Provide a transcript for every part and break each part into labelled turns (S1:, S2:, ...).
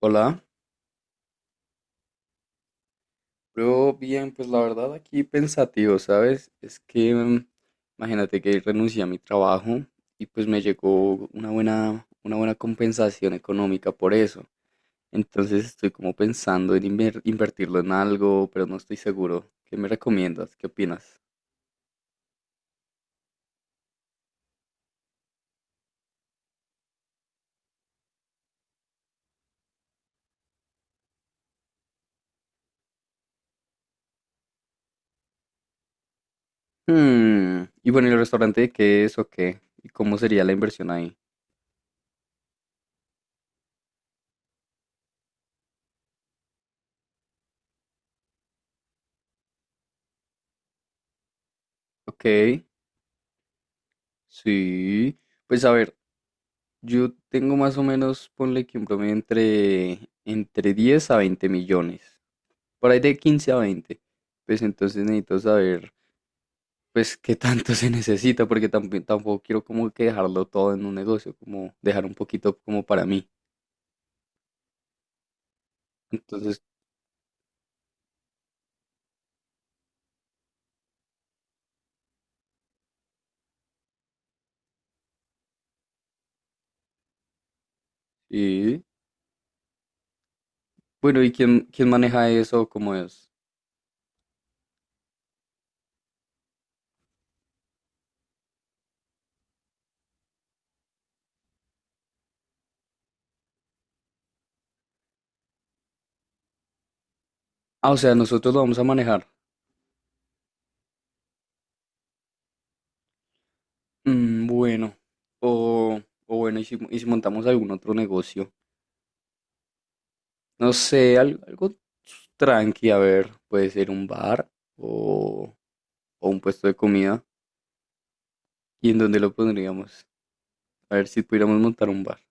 S1: Hola, yo bien, pues la verdad aquí pensativo, ¿sabes? Es que imagínate que renuncié a mi trabajo y pues me llegó una buena compensación económica por eso. Entonces estoy como pensando en invertirlo en algo, pero no estoy seguro. ¿Qué me recomiendas? ¿Qué opinas? Y bueno, ¿y el restaurante de qué es o qué? ¿Y cómo sería la inversión ahí? Ok, sí. Pues a ver, yo tengo más o menos, ponle que un promedio entre 10 a 20 millones, por ahí de 15 a 20. Pues entonces necesito saber, pues, qué tanto se necesita, porque tampoco quiero como que dejarlo todo en un negocio, como dejar un poquito como para mí. Entonces, sí. Bueno, ¿y quién maneja eso? ¿Cómo es? Ah, o sea, nosotros lo vamos a manejar. Mm, bueno. O, o bueno, ¿y si montamos algún otro negocio? No sé, algo, tranqui, a ver, puede ser un bar o, o un puesto de comida. ¿Y en dónde lo pondríamos? A ver si pudiéramos montar un bar.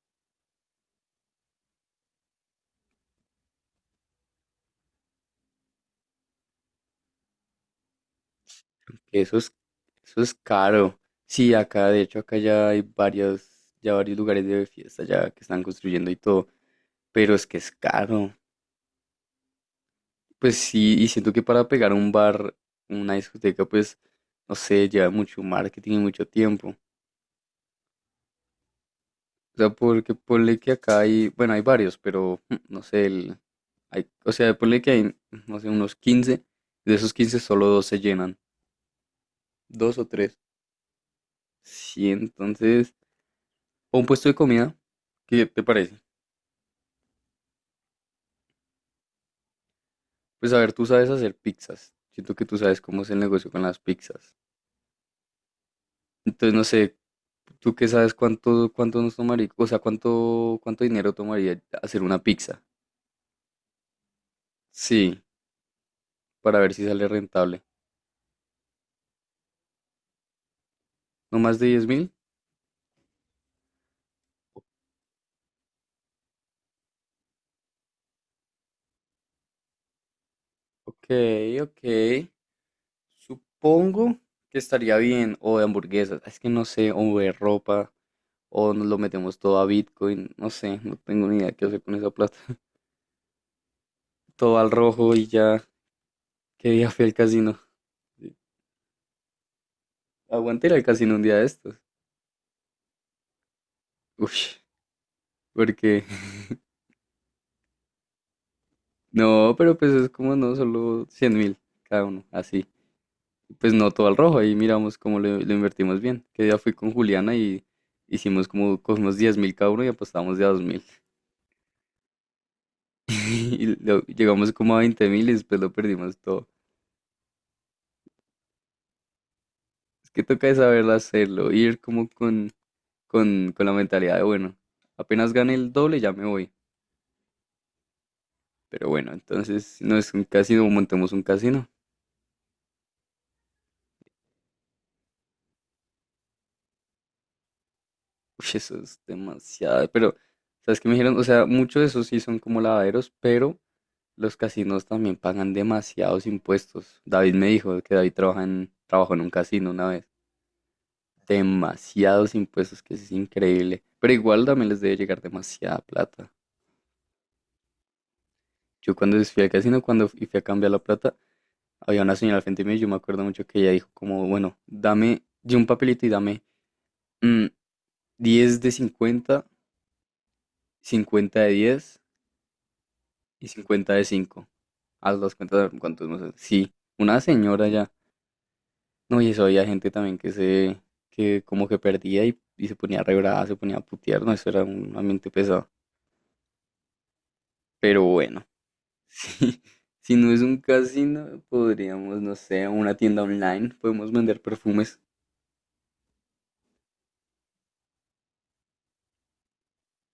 S1: Eso es, eso es caro. Sí, acá, de hecho, acá ya hay varios, ya varios lugares de fiesta ya que están construyendo y todo, pero es que es caro. Pues sí, y siento que para pegar un bar, una discoteca, pues, no sé, lleva mucho marketing y mucho tiempo. O sea, porque ponle que acá hay, bueno, hay varios, pero no sé, hay, o sea, ponle que hay, no sé, unos 15. De esos 15, solo dos se llenan. Dos o tres. Sí, entonces, o un puesto de comida, ¿qué te parece? Pues a ver, tú sabes hacer pizzas. Siento que tú sabes cómo es el negocio con las pizzas. Entonces, no sé, tú qué sabes cuánto nos tomaría, o sea, cuánto dinero tomaría hacer una pizza. Sí, para ver si sale rentable. ¿No más de 10.000? Ok, ok. Supongo que estaría bien. O de hamburguesas. Es que no sé, o de ropa. O nos lo metemos todo a Bitcoin, no sé, no tengo ni idea qué hacer con esa plata. Todo al rojo y ya, qué día fui al casino. Sí, aguanté ir al casino un día de estos. Uy, porque no, pero pues es como no, solo 100.000 cada uno, así. Pues no todo al rojo, ahí miramos cómo lo invertimos bien. Que día fui con Juliana y hicimos como, cogimos 10.000 cada uno y apostamos de a 2.000. Y llegamos como a 20.000 y después lo perdimos todo. Es que toca es saberlo hacerlo, ir como con la mentalidad de, bueno, apenas gane el doble ya me voy. Pero bueno, entonces no es un casino, montemos un casino. Uy, eso es demasiado. Pero, ¿sabes qué me dijeron? O sea, muchos de esos sí son como lavaderos, pero los casinos también pagan demasiados impuestos. David me dijo que David trabajó en un casino una vez. Demasiados impuestos, que es increíble. Pero igual también les debe llegar demasiada plata. Yo cuando fui al casino, cuando fui a cambiar la plata, había una señora al frente mío y yo me acuerdo mucho que ella dijo como, bueno, dame, di un papelito y dame mm, 10 de 50, 50 de 10 y 50 de cinco. Haz las cuentas a ver cuántos, no sé. Sí, una señora ya. No, y eso había gente también que como que perdía y se ponía re brava, se ponía a putear, no, eso era un ambiente pesado. Pero bueno, sí. Si no es un casino, podríamos, no sé, una tienda online, podemos vender perfumes.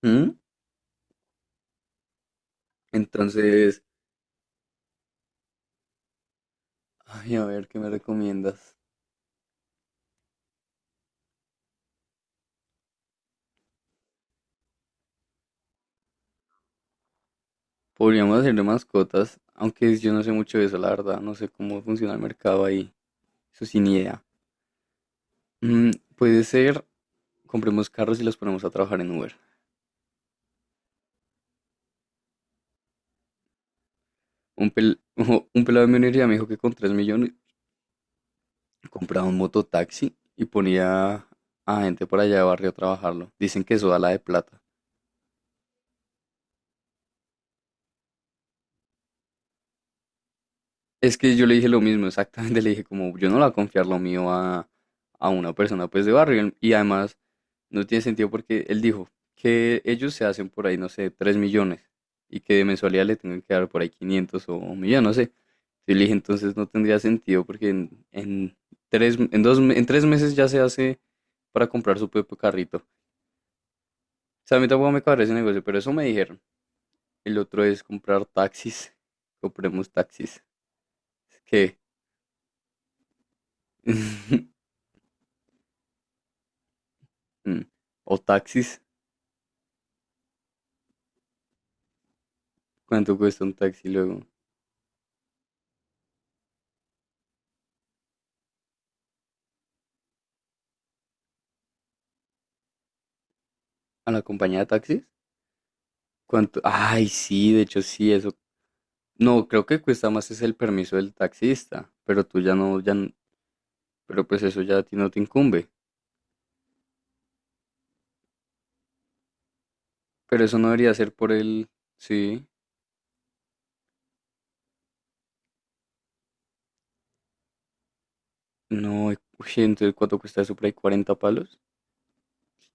S1: ¿Mm? Entonces, ay, a ver, ¿qué me recomiendas? Podríamos hacer de mascotas, aunque yo no sé mucho de eso, la verdad. No sé cómo funciona el mercado ahí. Eso sin idea. Mm, puede ser, compremos carros y los ponemos a trabajar en Uber. Un, pel- un pelado de mi universidad me dijo que con 3 millones compraba un mototaxi y ponía a gente por allá de barrio a trabajarlo. Dicen que eso da la de plata. Es que yo le dije lo mismo, exactamente. Le dije como, yo no le voy a confiar lo mío a una persona pues de barrio. Y además. No tiene sentido porque él dijo que ellos se hacen por ahí, no sé, 3 millones y que de mensualidad le tengan que dar por ahí 500 o 1 millón, no sé. Yo le dije, entonces no tendría sentido porque en tres, en, dos, me- en 3 meses ya se hace para comprar su propio carrito. O sea, a mí tampoco me cabré ese negocio, pero eso me dijeron. El otro es comprar taxis. Compremos taxis. ¿Qué? Mm. O taxis. ¿Cuánto cuesta un taxi luego? ¿A la compañía de taxis? ¿Cuánto? Ay, sí, de hecho sí, eso. No, creo que cuesta más es el permiso del taxista, pero tú ya no, pero pues eso ya a ti no te incumbe. Pero eso no debería ser por el, sí, no, uy, entonces ¿cuánto cuesta eso por ahí? ¿40 palos?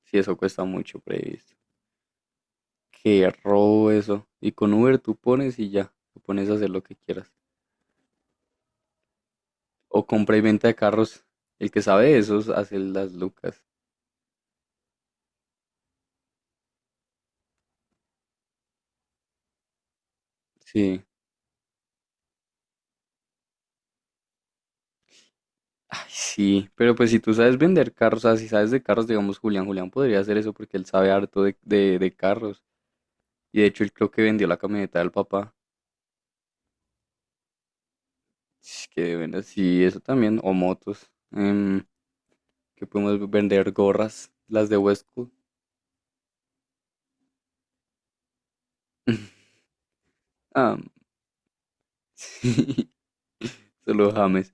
S1: Sí, eso cuesta mucho por ahí, ¿viste? Qué robo eso. Y con Uber tú pones y ya, tú pones a hacer lo que quieras. O compra y venta de carros, el que sabe de esos hace las lucas. Sí. Ay, sí, pero pues si tú sabes vender carros, o sea, si sabes de carros, digamos, Julián podría hacer eso porque él sabe harto de carros. Y de hecho él creo que vendió la camioneta del papá. Que bueno, sí, eso también. O motos. Que podemos vender gorras, las de Westco. Ah, sí. Solo James.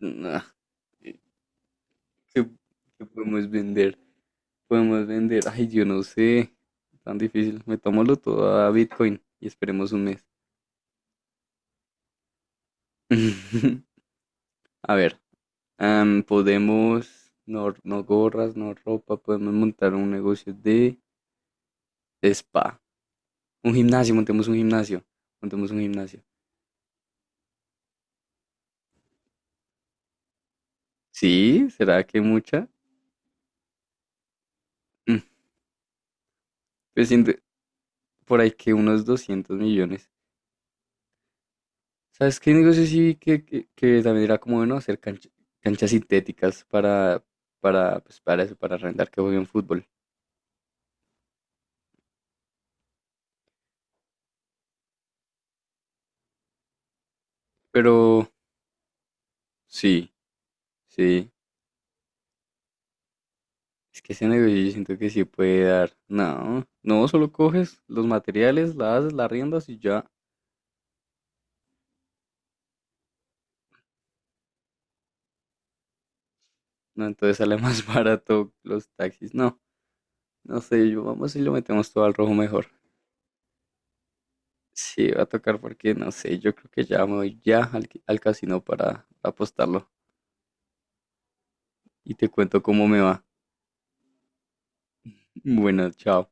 S1: Nah, ¿Qué, qué podemos vender? Podemos vender. Ay, yo no sé. Tan difícil. Metámoslo todo a Bitcoin y esperemos un mes. A ver, podemos, no, no gorras, no ropa, podemos montar un negocio de spa. Un gimnasio, montemos un gimnasio. Montemos un gimnasio. Sí, ¿será que mucha? Mm, Pues siento por ahí que unos 200 millones. ¿Sabes qué negocio sí vi que también era como bueno hacer canchas sintéticas pues para eso, para arrendar que jueguen fútbol? Pero sí, sí. Es que ese negocio yo siento que sí puede dar. No, no, solo coges los materiales, la haces, la riendas y ya. No, entonces sale más barato los taxis. No, no sé, yo vamos y lo metemos todo al rojo mejor. Sí, va a tocar porque no sé, yo creo que ya me voy ya al casino para apostarlo y te cuento cómo me va. Bueno, chao.